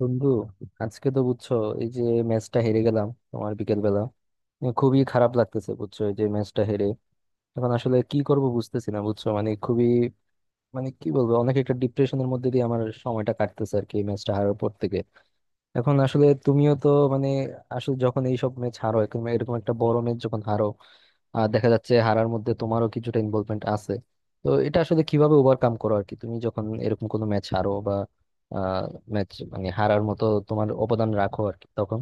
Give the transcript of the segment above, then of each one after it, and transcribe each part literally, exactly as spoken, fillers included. বন্ধু, আজকে তো বুঝছো, এই যে ম্যাচটা হেরে গেলাম তোমার বিকেল বেলা। খুবই খারাপ লাগতেছে বুঝছো, এই যে ম্যাচটা হেরে। এখন আসলে কি করব বুঝতেছি না বুঝছো, মানে খুবই, মানে কি বলবো, অনেক একটা ডিপ্রেশনের মধ্যে দিয়ে আমার সময়টা কাটতেছে আর কি, এই ম্যাচটা হারার পর থেকে। এখন আসলে তুমিও তো, মানে, আসলে যখন এইসব ম্যাচ হারো, এরকম এরকম একটা বড় ম্যাচ যখন হারো, আর দেখা যাচ্ছে হারার মধ্যে তোমারও কিছুটা ইনভলভমেন্ট আছে, তো এটা আসলে কিভাবে ওভারকাম করো আর কি, তুমি যখন এরকম কোনো ম্যাচ হারো বা ম্যাচ, মানে, হারার মতো তোমার অবদান রাখো আর কি, তখন।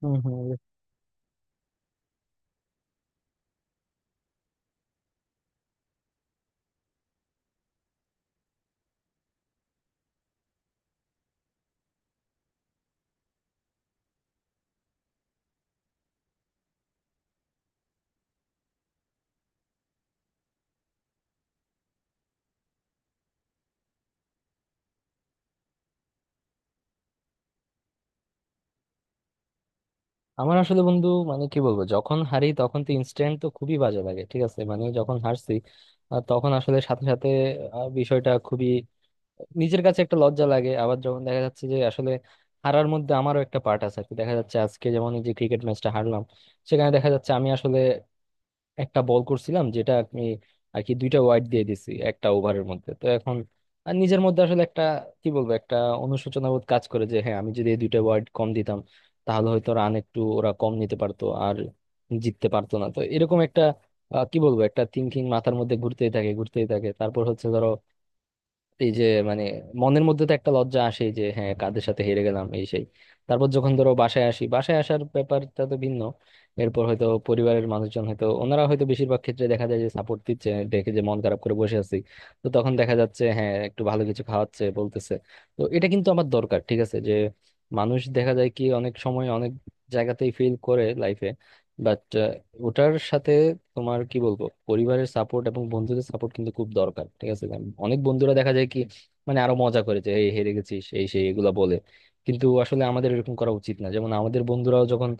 হম হম। আমার আসলে বন্ধু, মানে কি বলবো, যখন হারি তখন তো ইনস্ট্যান্ট তো খুবই বাজে লাগে, ঠিক আছে, মানে যখন হারছি, আহ, তখন আসলে সাথে সাথে আহ, বিষয়টা খুবই নিজের কাছে একটা লজ্জা লাগে। আবার যখন দেখা যাচ্ছে যে আসলে হারার মধ্যে আমারও একটা পার্ট আছে আর কি, দেখা যাচ্ছে আজকে যেমন এই যে ক্রিকেট ম্যাচটা হারলাম, সেখানে দেখা যাচ্ছে আমি আসলে একটা বল করছিলাম, যেটা আমি আর কি দুইটা ওয়াইড দিয়ে দিছি একটা ওভারের মধ্যে। তো এখন আর নিজের মধ্যে আসলে একটা, কি বলবো, একটা অনুশোচনা বোধ কাজ করে যে হ্যাঁ, আমি যদি এই দুইটা ওয়াইড কম দিতাম তাহলে হয়তো রান একটু ওরা কম নিতে পারতো আর জিততে পারতো না। তো এরকম একটা আহ, কি বলবো, একটা থিংকিং মাথার মধ্যে ঘুরতেই থাকে ঘুরতেই থাকে। তারপর হচ্ছে, ধরো, এই যে, মানে, মনের মধ্যে তো একটা লজ্জা আসে যে হ্যাঁ, কাদের সাথে হেরে গেলাম এই সেই। তারপর যখন ধরো বাসায় আসি, বাসায় আসার ব্যাপারটা তো ভিন্ন। এরপর হয়তো পরিবারের মানুষজন, হয়তো ওনারা, হয়তো বেশিরভাগ ক্ষেত্রে দেখা যায় যে সাপোর্ট দিচ্ছে, দেখে যে মন খারাপ করে বসে আছি, তো তখন দেখা যাচ্ছে হ্যাঁ একটু ভালো কিছু খাওয়াচ্ছে, বলতেছে। তো এটা কিন্তু আমার দরকার, ঠিক আছে, যে মানুষ দেখা যায় কি অনেক সময় অনেক জায়গাতেই ফেল করে লাইফে, বাট ওটার সাথে তোমার, কি বলবো, পরিবারের সাপোর্ট এবং বন্ধুদের সাপোর্ট কিন্তু খুব দরকার, ঠিক আছে, কারণ অনেক বন্ধুরা দেখা যায় কি, মানে আরো মজা করে, যে এই হেরে গেছিস এই সেই এগুলা বলে, কিন্তু আসলে আমাদের এরকম করা উচিত না। যেমন আমাদের বন্ধুরাও যখন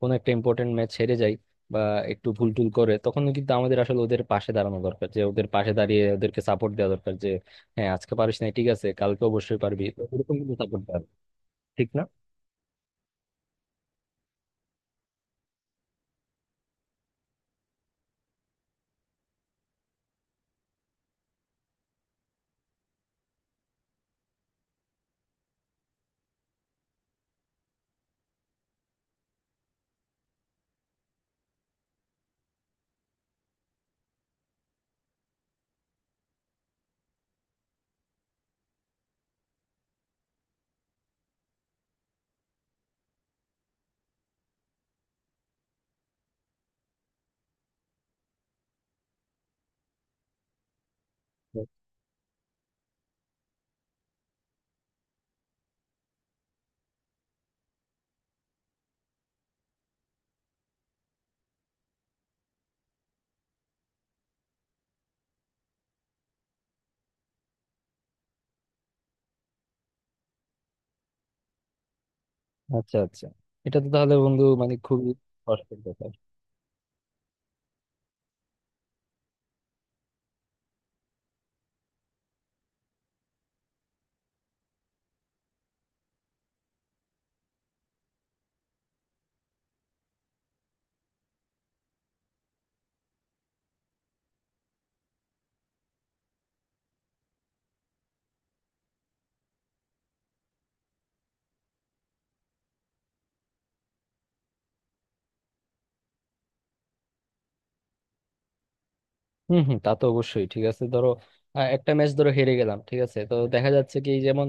কোনো একটা ইম্পর্টেন্ট ম্যাচ হেরে যায় বা একটু ভুল টুল করে, তখন কিন্তু আমাদের আসলে ওদের পাশে দাঁড়ানো দরকার, যে ওদের পাশে দাঁড়িয়ে ওদেরকে সাপোর্ট দেওয়া দরকার, যে হ্যাঁ আজকে পারিস না, ঠিক আছে কালকে অবশ্যই পারবি, তো এরকম কিন্তু সাপোর্ট দেওয়া ঠিক না। আচ্ছা আচ্ছা, এটা তো তাহলে বন্ধু, মানে, খুবই কষ্টের ব্যাপার। হম হম, তা তো অবশ্যই ঠিক আছে। ধরো আহ, একটা ম্যাচ ধরো হেরে গেলাম, ঠিক আছে, তো দেখা যাচ্ছে কি, যেমন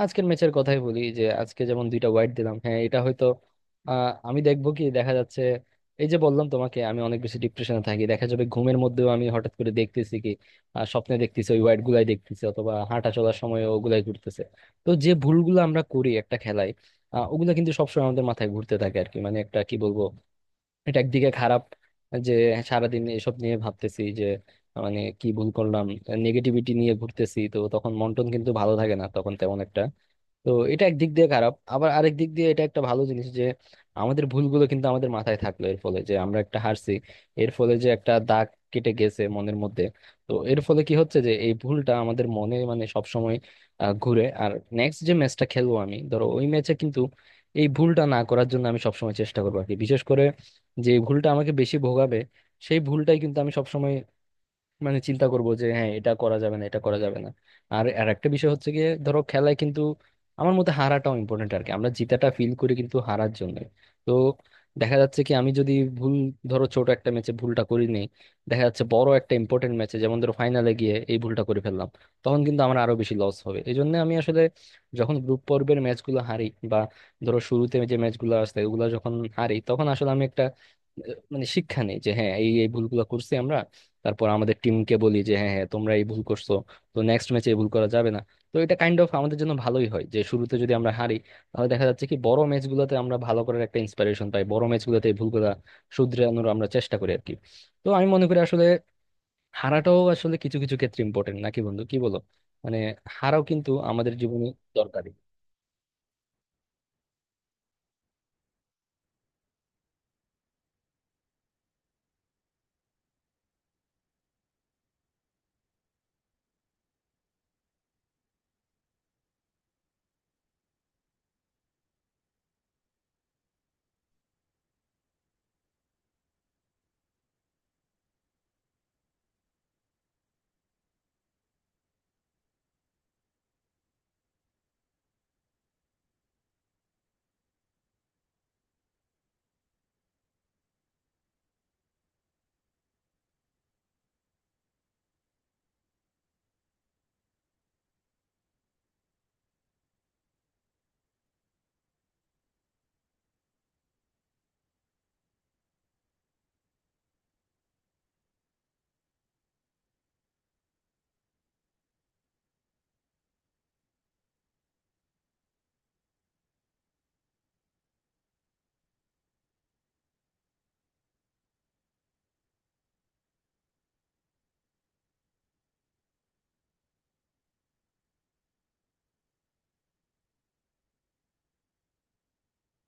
আজকের ম্যাচের কথাই বলি, যে আজকে যেমন দুইটা ওয়াইড দিলাম, হ্যাঁ, এটা হয়তো আহ, আমি দেখবো কি দেখা যাচ্ছে, এই যে বললাম তোমাকে, আমি অনেক বেশি ডিপ্রেশনে থাকি। দেখা যাবে ঘুমের মধ্যেও আমি হঠাৎ করে দেখতেছি কি আহ, স্বপ্নে দেখতেছি, ওই ওয়াইড গুলাই দেখতেছি, অথবা হাঁটা চলার সময় ওগুলাই ঘুরতেছে। তো যে ভুলগুলো আমরা করি একটা খেলায়, আহ, ওগুলো কিন্তু সবসময় আমাদের মাথায় ঘুরতে থাকে আর কি, মানে একটা, কি বলবো, এটা একদিকে খারাপ যে সারাদিন এসব নিয়ে ভাবতেছি যে, মানে কি ভুল করলাম, নেগেটিভিটি নিয়ে ঘুরতেছি, তো তখন মন টন কিন্তু ভালো থাকে না তখন তেমন একটা। তো এটা একদিক দিয়ে খারাপ, আবার আরেক দিক দিয়ে এটা একটা ভালো জিনিস যে আমাদের ভুলগুলো কিন্তু আমাদের মাথায় থাকলো, এর ফলে যে আমরা একটা হারছি, এর ফলে যে একটা দাগ কেটে গেছে মনের মধ্যে। তো এর ফলে কি হচ্ছে, যে এই ভুলটা আমাদের মনে, মানে, সবসময় আহ, ঘুরে, আর নেক্সট যে ম্যাচটা খেলবো আমি, ধরো ওই ম্যাচে কিন্তু এই ভুলটা না করার জন্য আমি সবসময় চেষ্টা করবো আর কি, বিশেষ করে যে ভুলটা আমাকে বেশি ভোগাবে, সেই ভুলটাই কিন্তু আমি সবসময়, মানে, চিন্তা করব যে হ্যাঁ এটা করা যাবে না, এটা করা যাবে না। আর আর একটা বিষয় হচ্ছে গিয়ে, ধরো খেলায় কিন্তু আমার মতে হারাটাও ইম্পর্টেন্ট আর কি, আমরা জিতাটা ফিল করি কিন্তু হারার জন্য। তো দেখা যাচ্ছে কি আমি যদি ভুল, ধরো ছোট একটা ম্যাচে ভুলটা করি নেই, দেখা যাচ্ছে বড় একটা ইম্পর্টেন্ট ম্যাচে, যেমন ধরো ফাইনালে গিয়ে এই ভুলটা করে ফেললাম, তখন কিন্তু আমার আরো বেশি লস হবে। এই জন্য আমি আসলে যখন গ্রুপ পর্বের ম্যাচগুলো হারি, বা ধরো শুরুতে যে ম্যাচগুলো আসে ওগুলো যখন হারি, তখন আসলে আমি একটা আহ, মানে শিক্ষা নেই যে হ্যাঁ, এই এই ভুলগুলো করছি আমরা। তারপর আমাদের টিমকে বলি যে হ্যাঁ হ্যাঁ তোমরা এই ভুল করছো, তো নেক্সট ম্যাচে এই ভুল করা যাবে না। তো এটা কাইন্ড অফ আমাদের জন্য ভালোই হয়, যে শুরুতে যদি আমরা হারি, তাহলে দেখা যাচ্ছে কি বড় ম্যাচগুলোতে আমরা ভালো করার একটা ইন্সপিরেশন পাই, বড় ম্যাচগুলোতে এই ভুলগুলা শুধরানোর আমরা চেষ্টা করি আর কি। তো আমি মনে করি আসলে হারাটাও আসলে কিছু কিছু ক্ষেত্রে ইম্পর্টেন্ট, নাকি বন্ধু, কি বলো? মানে হারাও কিন্তু আমাদের জীবনে দরকারি।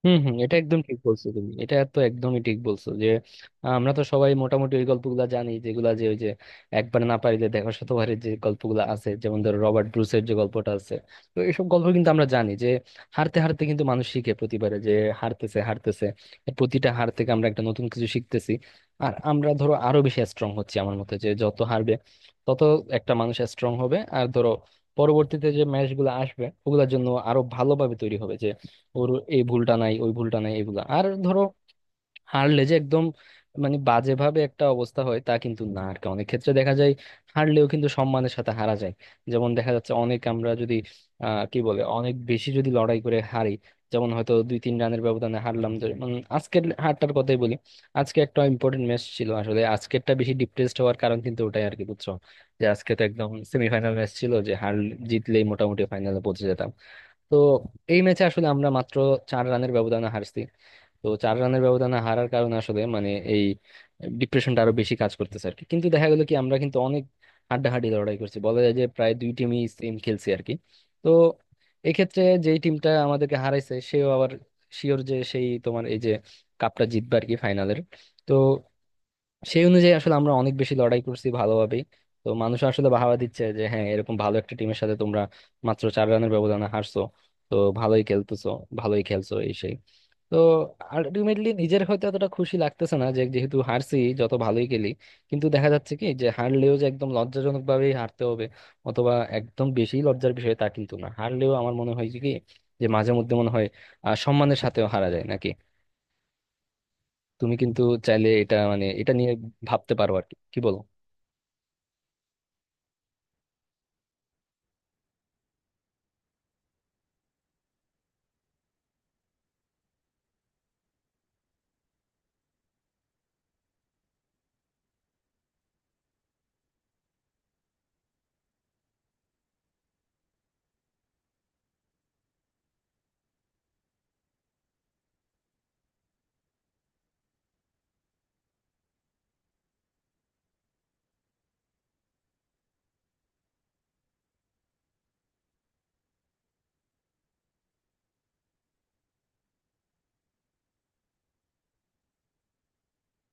হম হম, এটা একদম ঠিক বলছো তুমি, এটা তো একদমই ঠিক বলছো যে আহ, আমরা তো সবাই মোটামুটি ওই গল্পগুলা জানি, যেগুলা যে ওই যে একবার না পারিলে দেখো শতবারের যে গল্পগুলা আছে, যেমন ধরো রবার্ট ব্রুসের যে গল্পটা আছে। তো এইসব গল্প কিন্তু আমরা জানি, যে হারতে হারতে কিন্তু মানুষ শিখে, প্রতিবারে যে হারতেছে হারতেছে, প্রতিটা হার থেকে আমরা একটা নতুন কিছু শিখতেছি, আর আমরা ধরো আরো বেশি স্ট্রং হচ্ছি। আমার মতে যে যত হারবে তত একটা মানুষ স্ট্রং হবে, আর ধরো পরবর্তীতে যে ম্যাচ গুলো আসবে ওগুলোর জন্য আরো ভালোভাবে তৈরি হবে। ওর এই ভুলটা নাই, ওই ভুলটা নাই, এইগুলা। আর ধরো হারলে যে একদম, মানে, বাজেভাবে একটা অবস্থা হয় তা কিন্তু না আর কি। অনেক ক্ষেত্রে দেখা যায় হারলেও কিন্তু সম্মানের সাথে হারা যায়, যেমন দেখা যাচ্ছে অনেক, আমরা যদি আহ কি বলে, অনেক বেশি যদি লড়াই করে হারি, যেমন হয়তো দুই তিন রানের ব্যবধানে হারলাম যে- মানে আজকের হারটার কথাই বলি। আজকে একটা ইম্পর্টেন্ট ম্যাচ ছিল আসলে, আজকেরটা বেশি ডিপ্রেসড হওয়ার কারণ কিন্তু ওটাই আর কি, বুঝছো, যে আজকে তো একদম সেমিফাইনাল ম্যাচ ছিল, যে হার জিতলেই মোটামুটি ফাইনালে পৌঁছে যেতাম। তো এই ম্যাচে আসলে আমরা মাত্র চার রানের ব্যবধানে হারছি। তো চার রানের ব্যবধানে হারার কারণে আসলে, মানে, এই ডিপ্রেশনটা আরো বেশি কাজ করতেছে আর কি, কিন্তু দেখা গেল কি আমরা কিন্তু অনেক হাড্ডাহাড্ডি লড়াই করছি, বলা যায় যে প্রায় দুই টিমই সেম খেলছি আর কি। তো এক্ষেত্রে যেই টিমটা আমাদেরকে হারাইছে সেও আবার শিওর যে সেই, তোমার এই যে, কাপটা জিতবে আর কি, ফাইনালের। তো সেই অনুযায়ী আসলে আমরা অনেক বেশি লড়াই করছি ভালোভাবেই। তো মানুষ আসলে বাহাবা দিচ্ছে, যে হ্যাঁ এরকম ভালো একটা টিমের সাথে তোমরা মাত্র চার রানের ব্যবধানে হারছো, তো ভালোই খেলতেছো, ভালোই খেলছো এই সেই। তো আলটিমেটলি নিজের হয়তো এতটা খুশি লাগতেছে না, যে যেহেতু হারছি যত ভালোই খেলি, কিন্তু দেখা যাচ্ছে কি, যে হারলেও যে একদম লজ্জাজনক ভাবেই হারতে হবে অথবা একদম বেশি লজ্জার বিষয় তা কিন্তু না। হারলেও আমার মনে হয় যে কি, যে মাঝে মধ্যে মনে হয় আহ সম্মানের সাথেও হারা যায় নাকি। তুমি কিন্তু চাইলে এটা, মানে, এটা নিয়ে ভাবতে পারো আর কি, কি বলো?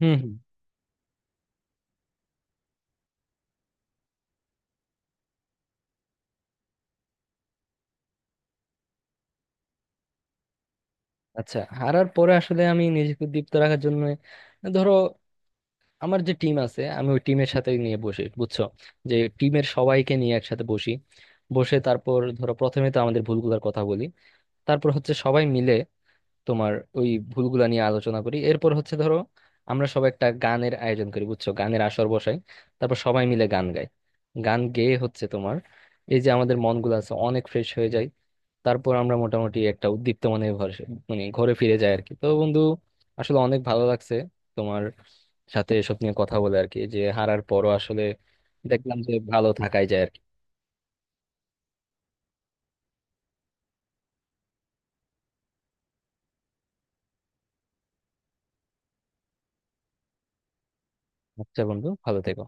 হুম হুম। আচ্ছা, হারার পরে আসলে আমি নিজেকে দীপ্ত রাখার জন্য ধরো আমার যে টিম আছে, আমি ওই টিমের সাথে নিয়ে বসি বুঝছো, যে টিমের সবাইকে নিয়ে একসাথে বসি। বসে তারপর ধরো প্রথমে তো আমাদের ভুলগুলোর কথা বলি, তারপর হচ্ছে সবাই মিলে তোমার ওই ভুলগুলা নিয়ে আলোচনা করি। এরপর হচ্ছে ধরো আমরা সবাই একটা গানের আয়োজন করি বুঝছো, গানের আসর বসাই। তারপর সবাই মিলে গান গাই, গান গেয়ে হচ্ছে তোমার এই যে আমাদের মনগুলো আছে অনেক ফ্রেশ হয়ে যায়। তারপর আমরা মোটামুটি একটা উদ্দীপ্তমানের ঘরে, মানে ঘরে ফিরে যাই আর কি। তো বন্ধু, আসলে অনেক ভালো লাগছে তোমার সাথে এসব নিয়ে কথা বলে আর কি, যে হারার পরও আসলে দেখলাম যে ভালো থাকাই যায় আর কি। আচ্ছা বন্ধু, ভালো থেকো।